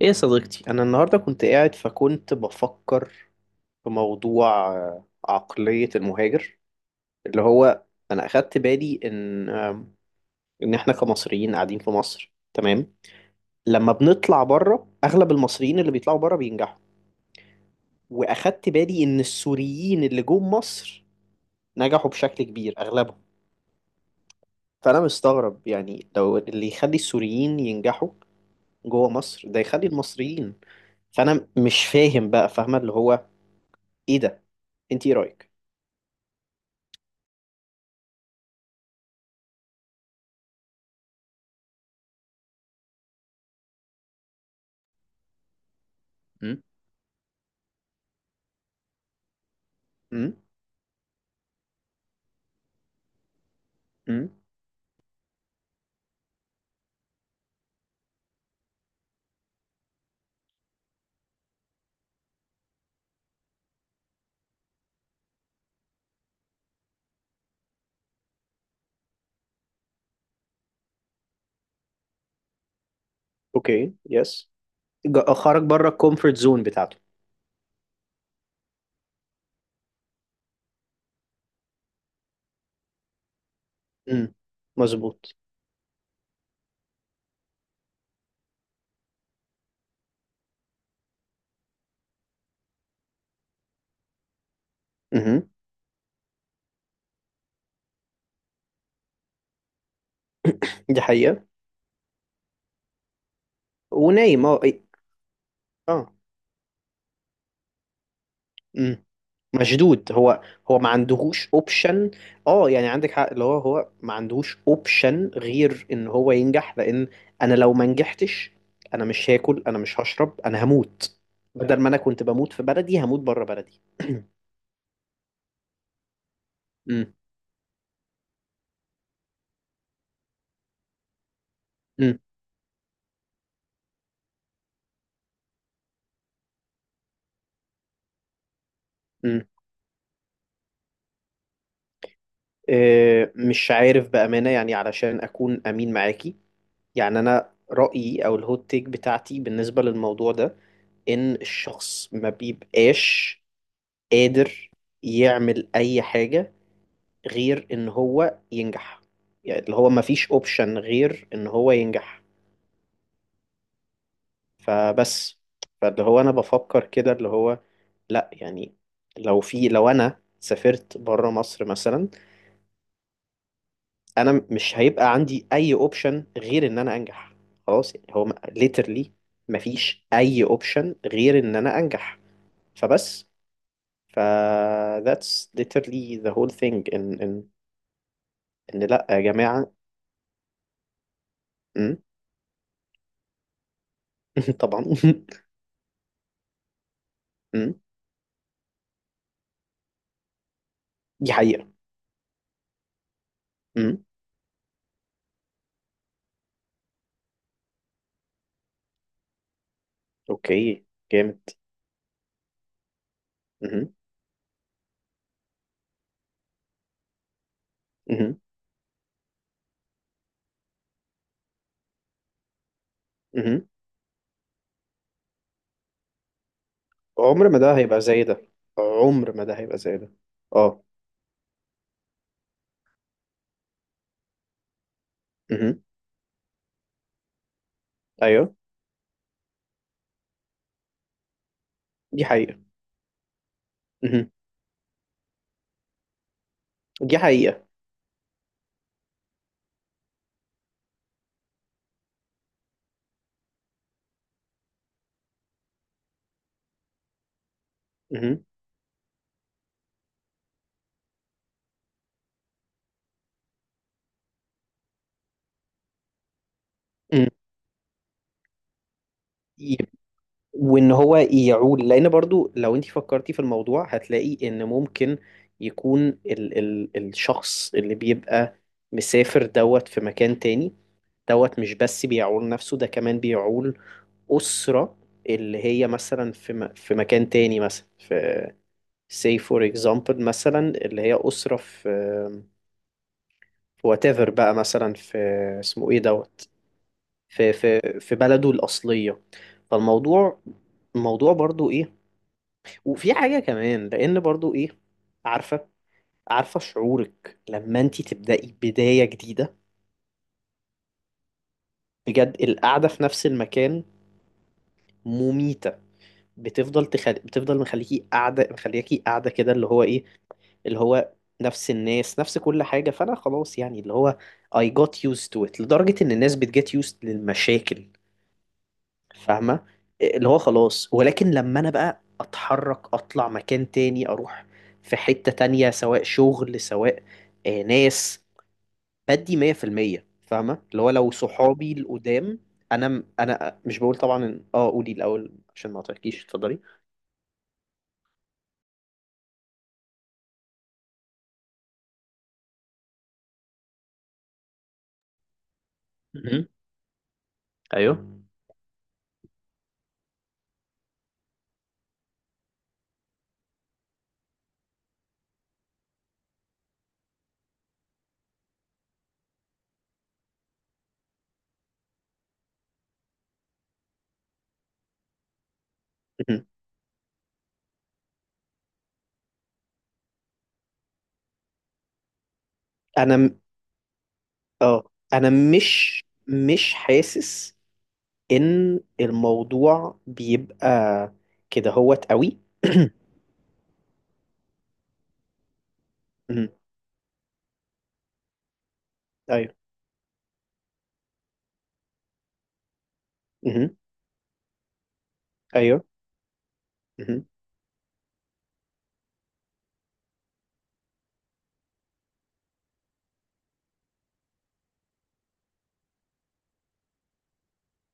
ايه يا صديقتي، انا النهارده كنت قاعد فكنت بفكر في موضوع، عقلية المهاجر. اللي هو انا اخدت بالي ان احنا كمصريين قاعدين في مصر، تمام. لما بنطلع بره، اغلب المصريين اللي بيطلعوا بره بينجحوا، واخدت بالي ان السوريين اللي جم مصر نجحوا بشكل كبير اغلبهم. فانا مستغرب، يعني لو اللي يخلي السوريين ينجحوا جوه مصر ده يخلي المصريين. فانا مش فاهم بقى، فاهمة؟ اللي هو ايه ده؟ انت ايه رأيك؟ امم. امم. اوكي. يس. خرج بره الكومفورت زون بتاعته. امم. مظبوط. امم. دي حقيقة. ونايم. اه، إيه. اه. امم. مشدود هو. هو ما عندهوش اوبشن. اه، يعني عندك حق. اللي هو هو ما عندهوش اوبشن غير ان هو ينجح، لان انا لو ما نجحتش، انا مش هاكل، انا مش هشرب، انا هموت. بدل ما انا كنت بموت في بلدي، هموت بره بلدي. امم. امم. امم. مش عارف بأمانة، يعني علشان أكون أمين معاكي، يعني انا رأيي او الهوت تيك بتاعتي بالنسبة للموضوع ده ان الشخص ما بيبقاش قادر يعمل اي حاجة غير ان هو ينجح. يعني اللي هو ما فيش اوبشن غير ان هو ينجح. فبس. فاللي هو انا بفكر كده، اللي هو لا يعني، لو انا سافرت بره مصر مثلا انا مش هيبقى عندي اي اوبشن غير ان انا انجح. خلاص يعني، هو ليترلي مفيش اي اوبشن غير ان انا انجح. فبس. ف that's literally the whole thing. إن لأ يا جماعة. أمم، طبعا. أمم. دي حقيقة. أمم. أوكي. جامد. أمم. أمم. أمم. عمر ما ده هيبقى زي ده. عمر ما ده هيبقى زي ده. أه. أمم. أيوه. دي حقيقة. أمم. دي حقيقة. أمم. أمم. وان هو يعول، لان برضو لو انت فكرتي في الموضوع هتلاقي ان ممكن يكون ال الشخص اللي بيبقى مسافر دوت في مكان تاني. دوت مش بس بيعول نفسه، ده كمان بيعول أسرة، اللي هي مثلا في في مكان تاني، مثلا في say for example، مثلا اللي هي أسرة في whatever بقى، مثلا في اسمه ايه دوت في بلده الأصلية. فالموضوع الموضوع برضو ايه. وفي حاجة كمان، لأن برضو إيه، عارفة عارفة شعورك لما أنت تبدأي بداية جديدة؟ بجد القعدة في نفس المكان مميتة. بتفضل مخليكي قاعدة، كده. اللي هو إيه؟ اللي هو نفس الناس، نفس كل حاجة. فأنا خلاص يعني، اللي هو I got used to it، لدرجة إن الناس بتجت used للمشاكل. فاهمة؟ اللي هو خلاص، ولكن لما أنا بقى أتحرك، أطلع مكان تاني، أروح في حتة تانية، سواء شغل، سواء ناس، بدي 100%. فاهمة اللي هو؟ لو صحابي القدام، أنا مش بقول طبعا إن- أه قولي الأول عشان ما أعطيكيش، اتفضلي. مهم. ايوه. مهم. أنا م- أه أنا مش حاسس إن الموضوع بيبقى كده هوت قوي. أيوه. أيوه. مهم. أيوه. مهم.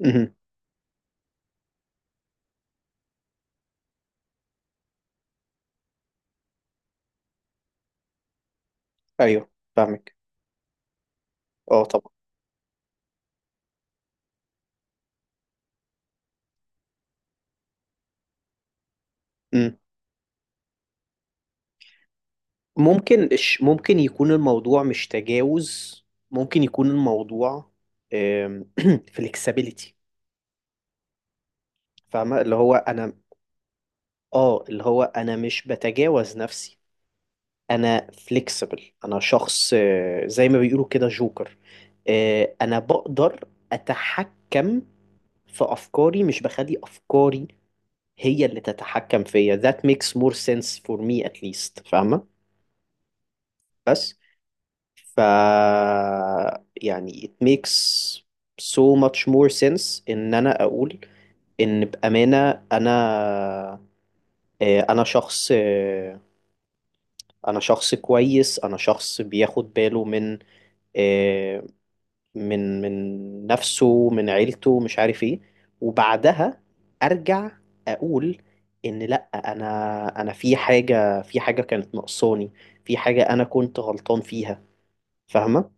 مهم. ايوه فاهمك. اه طبعا. مم. ممكن يكون الموضوع مش تجاوز، ممكن يكون الموضوع فليكسبيليتي. فاهمه اللي هو انا. اه اللي هو انا مش بتجاوز نفسي. انا فليكسبل. انا شخص، زي ما بيقولوا كده، جوكر. انا بقدر اتحكم في افكاري، مش بخلي افكاري هي اللي تتحكم فيا. that makes more sense for me at least. فاهمه؟ بس. ف يعني it makes so much more sense ان انا اقول ان بامانه انا، انا شخص، انا شخص كويس. انا شخص بياخد باله من، آه، من من نفسه، من عيلته، مش عارف ايه. وبعدها ارجع اقول ان لا، انا في حاجه، في حاجه كانت ناقصاني، في حاجه انا كنت غلطان فيها. فاهمه؟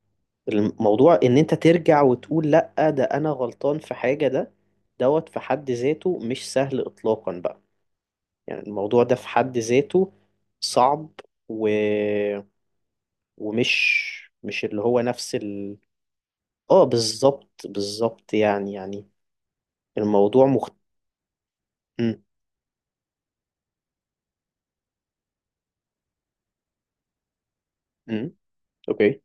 الموضوع ان انت ترجع وتقول لا، ده انا غلطان في حاجة. ده دوت في حد ذاته مش سهل اطلاقا بقى. يعني الموضوع ده في حد ذاته صعب و... ومش مش اللي هو نفس اه، بالظبط، بالظبط، يعني، الموضوع م. م. اوكي.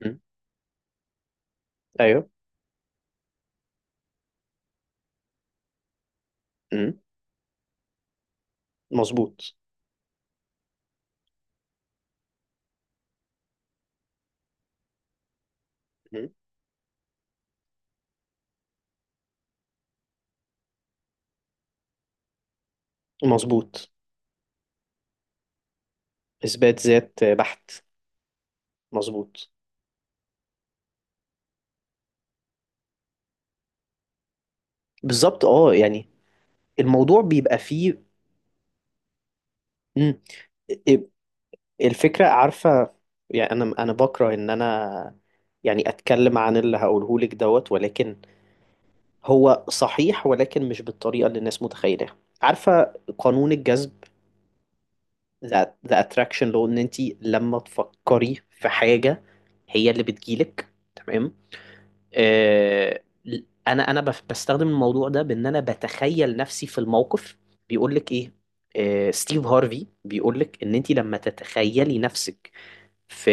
م. ايوه. م. مظبوط. م. مظبوط. اثبات ذات بحت. مظبوط. بالظبط. اه يعني الموضوع بيبقى فيه. م. الفكرة، عارفة؟ يعني أنا بكره إن أنا يعني أتكلم عن اللي هقوله لك دوت. ولكن هو صحيح، ولكن مش بالطريقة اللي الناس متخيلة. عارفة قانون الجذب؟ the attraction law. إن أنت لما تفكري في حاجة هي اللي بتجيلك، تمام؟ آه أنا بستخدم الموضوع ده بإن أنا بتخيل نفسي في الموقف. بيقول لك إيه؟ ستيف هارفي بيقول لك إن أنت لما تتخيلي نفسك في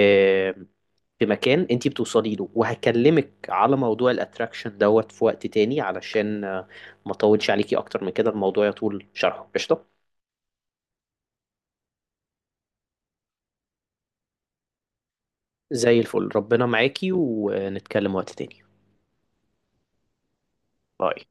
مكان انتي بتوصلي له. وهكلمك على موضوع الاتراكشن دوت في وقت تاني، علشان ما اطولش عليكي اكتر من كده، الموضوع يطول شرحه. قشطة. زي الفل. ربنا معاكي ونتكلم وقت تاني. باي.